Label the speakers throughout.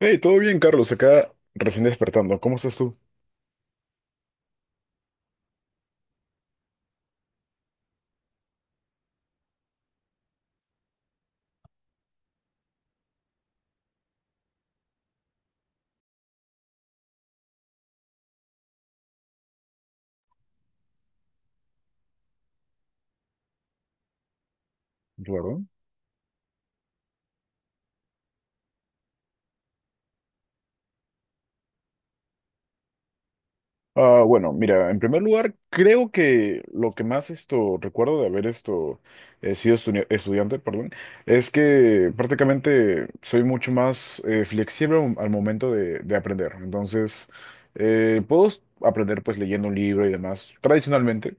Speaker 1: Hey, todo bien, Carlos, acá recién despertando. ¿Cómo estás tú? Claro. Bueno, mira, en primer lugar, creo que lo que más esto recuerdo de haber esto estudiante, perdón, es que prácticamente soy mucho más flexible al momento de aprender. Entonces, aprender pues leyendo un libro y demás, tradicionalmente.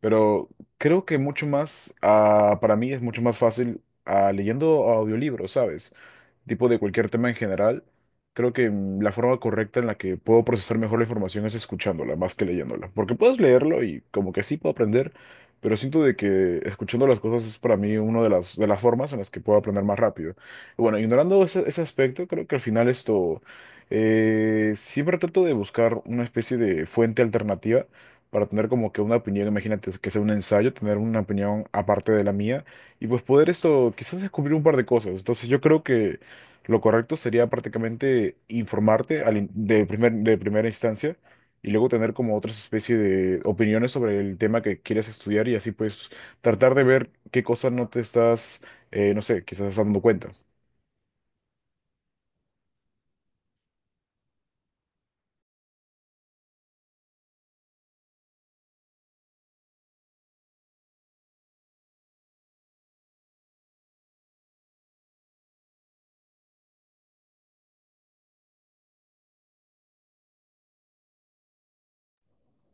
Speaker 1: Pero creo que mucho más, para mí es mucho más fácil leyendo audiolibros, ¿sabes? Tipo de cualquier tema en general. Creo que la forma correcta en la que puedo procesar mejor la información es escuchándola más que leyéndola. Porque puedes leerlo y como que sí puedo aprender, pero siento de que escuchando las cosas es para mí una de de las formas en las que puedo aprender más rápido. Y bueno, ignorando ese aspecto, creo que al final siempre trato de buscar una especie de fuente alternativa para tener como que una opinión, imagínate que sea un ensayo, tener una opinión aparte de la mía y pues poder esto quizás descubrir un par de cosas. Entonces yo creo que lo correcto sería prácticamente informarte de de primera instancia y luego tener como otras especies de opiniones sobre el tema que quieres estudiar y así pues tratar de ver qué cosas no te estás, no sé, quizás dando cuenta.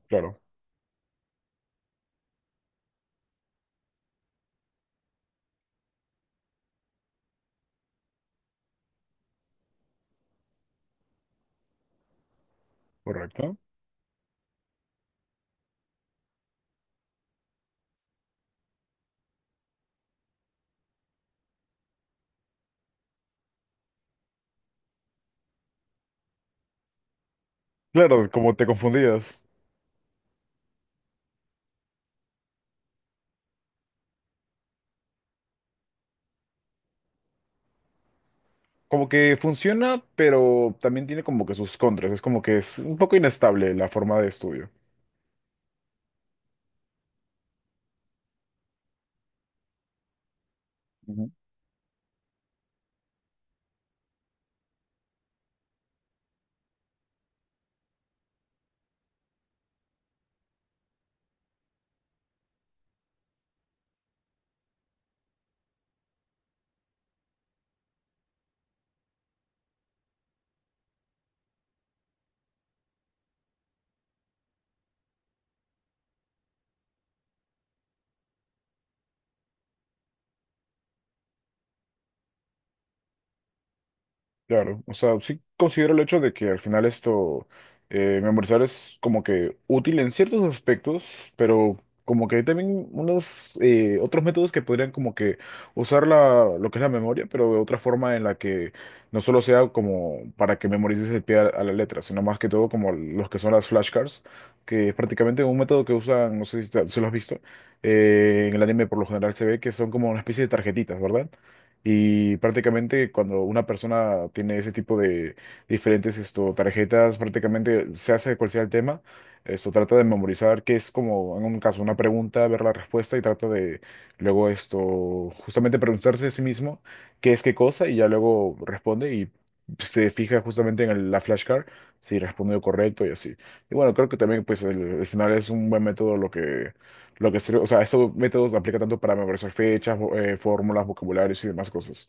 Speaker 1: Claro, correcto. Claro, como te confundías. Como que funciona, pero también tiene como que sus contras. Es como que es un poco inestable la forma de estudio. Claro, o sea, sí considero el hecho de que al final memorizar es como que útil en ciertos aspectos, pero como que hay también unos otros métodos que podrían como que usar lo que es la memoria, pero de otra forma en la que no solo sea como para que memorices el pie a la letra, sino más que todo como los que son las flashcards, que es prácticamente un método que usan, no sé si lo has visto, en el anime por lo general se ve que son como una especie de tarjetitas, ¿verdad? Y prácticamente cuando una persona tiene ese tipo de diferentes tarjetas, prácticamente se hace cual sea el tema, esto trata de memorizar, que es como en un caso una pregunta, ver la respuesta y trata de luego esto, justamente preguntarse a sí mismo qué es qué cosa y ya luego responde y se fija justamente en la flashcard si respondió correcto y así. Y bueno, creo que también pues el final es un buen método lo que sirve, o sea, estos métodos aplican tanto para memorizar fechas, fórmulas, vocabularios y demás cosas.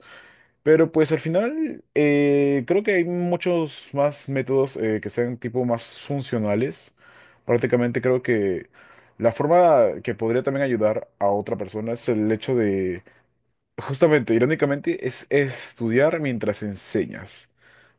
Speaker 1: Pero pues al final creo que hay muchos más métodos que sean tipo más funcionales. Prácticamente creo que la forma que podría también ayudar a otra persona es el hecho de justamente, irónicamente, es estudiar mientras enseñas.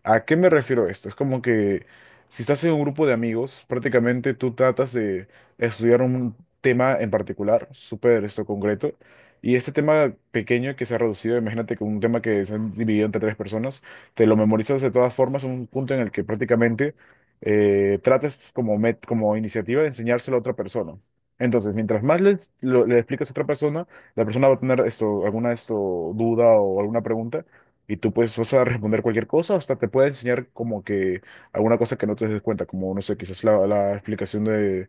Speaker 1: ¿A qué me refiero esto? Es como que si estás en un grupo de amigos, prácticamente tú tratas de estudiar un tema en particular, súper esto concreto, y este tema pequeño que se ha reducido, imagínate que un tema que se han dividido entre tres personas, te lo memorizas de todas formas, un punto en el que prácticamente tratas como iniciativa de enseñárselo a otra persona. Entonces, mientras más le explicas a otra persona, la persona va a tener duda o alguna pregunta y tú pues vas a responder cualquier cosa, hasta te puede enseñar como que alguna cosa que no te des cuenta, como no sé, quizás la explicación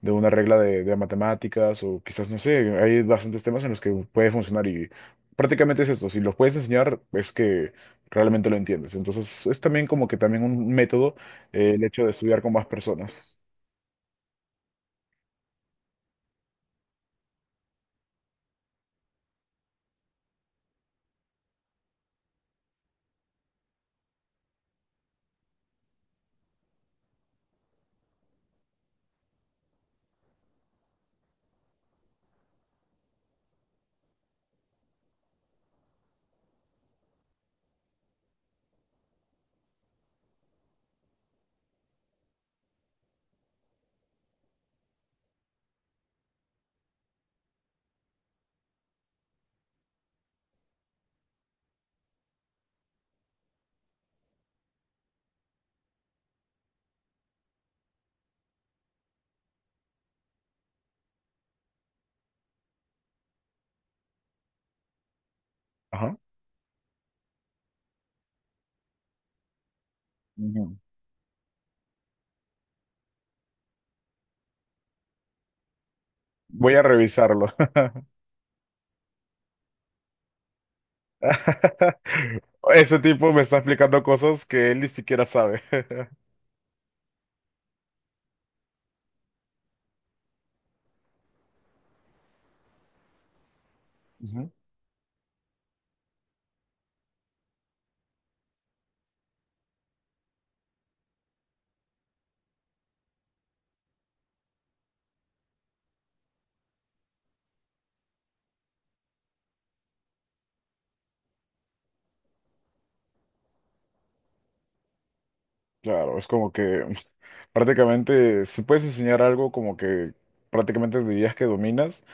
Speaker 1: de una regla de matemáticas o quizás no sé, hay bastantes temas en los que puede funcionar y prácticamente es si los puedes enseñar es que realmente lo entiendes. Entonces es también como que también un método el hecho de estudiar con más personas. Ajá. Ujú. Voy a revisarlo. Ese tipo me está explicando cosas que él ni siquiera sabe. Ujú. Claro, es como que prácticamente, si puedes enseñar algo como que prácticamente dirías que dominas,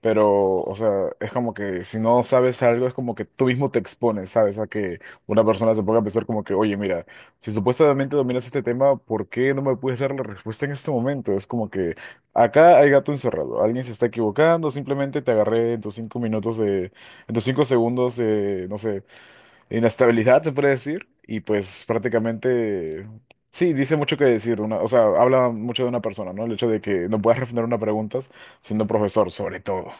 Speaker 1: pero, o sea, es como que si no sabes algo, es como que tú mismo te expones, ¿sabes? A que una persona se ponga a pensar como que, oye, mira, si supuestamente dominas este tema, ¿por qué no me puedes dar la respuesta en este momento? Es como que acá hay gato encerrado, alguien se está equivocando, simplemente te agarré en tus cinco minutos de, en tus cinco segundos de, no sé, inestabilidad, se puede decir, y pues prácticamente, sí, dice mucho que decir, una, o sea, habla mucho de una persona, ¿no? El hecho de que no puedas responder una pregunta siendo profesor, sobre todo.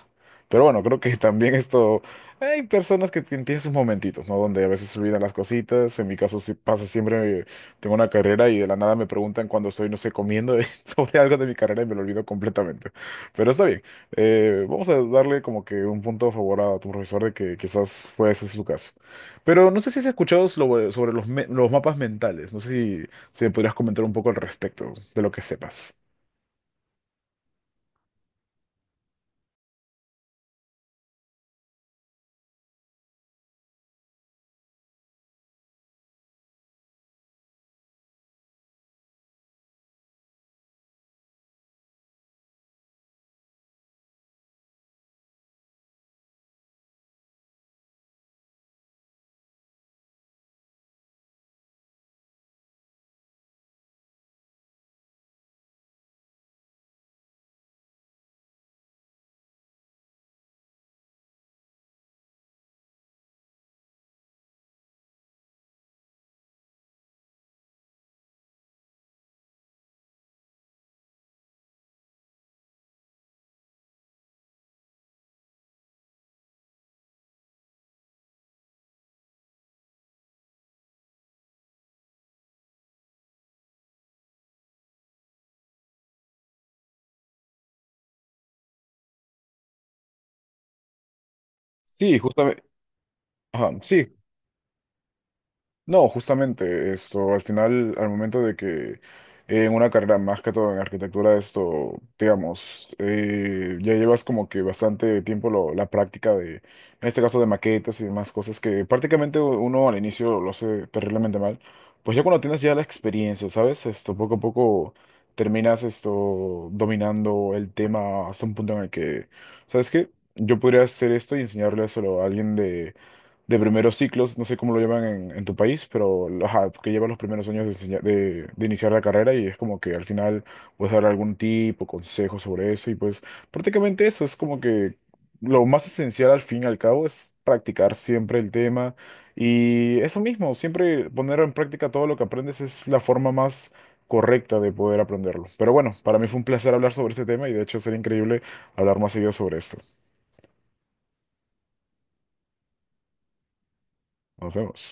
Speaker 1: Pero bueno, creo que también hay personas que tienen sus momentitos, ¿no? Donde a veces se olvidan las cositas, en mi caso sí pasa siempre, tengo una carrera y de la nada me preguntan cuando estoy, no sé, comiendo sobre algo de mi carrera y me lo olvido completamente. Pero está bien, vamos a darle como que un punto a favor a tu profesor de que quizás fue ese su caso. Pero no sé si has escuchado sobre los mapas mentales. No sé si me podrías comentar un poco al respecto de lo que sepas. Sí, justamente. No, justamente al final, al momento de que en una carrera más que todo en arquitectura, digamos, ya llevas como que bastante tiempo la práctica de, en este caso de maquetas y demás cosas que prácticamente uno al inicio lo hace terriblemente mal, pues ya cuando tienes ya la experiencia, ¿sabes? Poco a poco terminas esto dominando el tema hasta un punto en el que, ¿sabes qué? Yo podría hacer esto y enseñárselo a alguien de primeros ciclos, no sé cómo lo llaman en tu país, pero ajá, que lleva los primeros años de iniciar la carrera y es como que al final puedes dar algún tipo, consejo sobre eso y pues prácticamente eso es como que lo más esencial al fin y al cabo es practicar siempre el tema y eso mismo, siempre poner en práctica todo lo que aprendes es la forma más correcta de poder aprenderlo. Pero bueno, para mí fue un placer hablar sobre este tema y de hecho sería increíble hablar más seguido sobre esto. Nos vemos.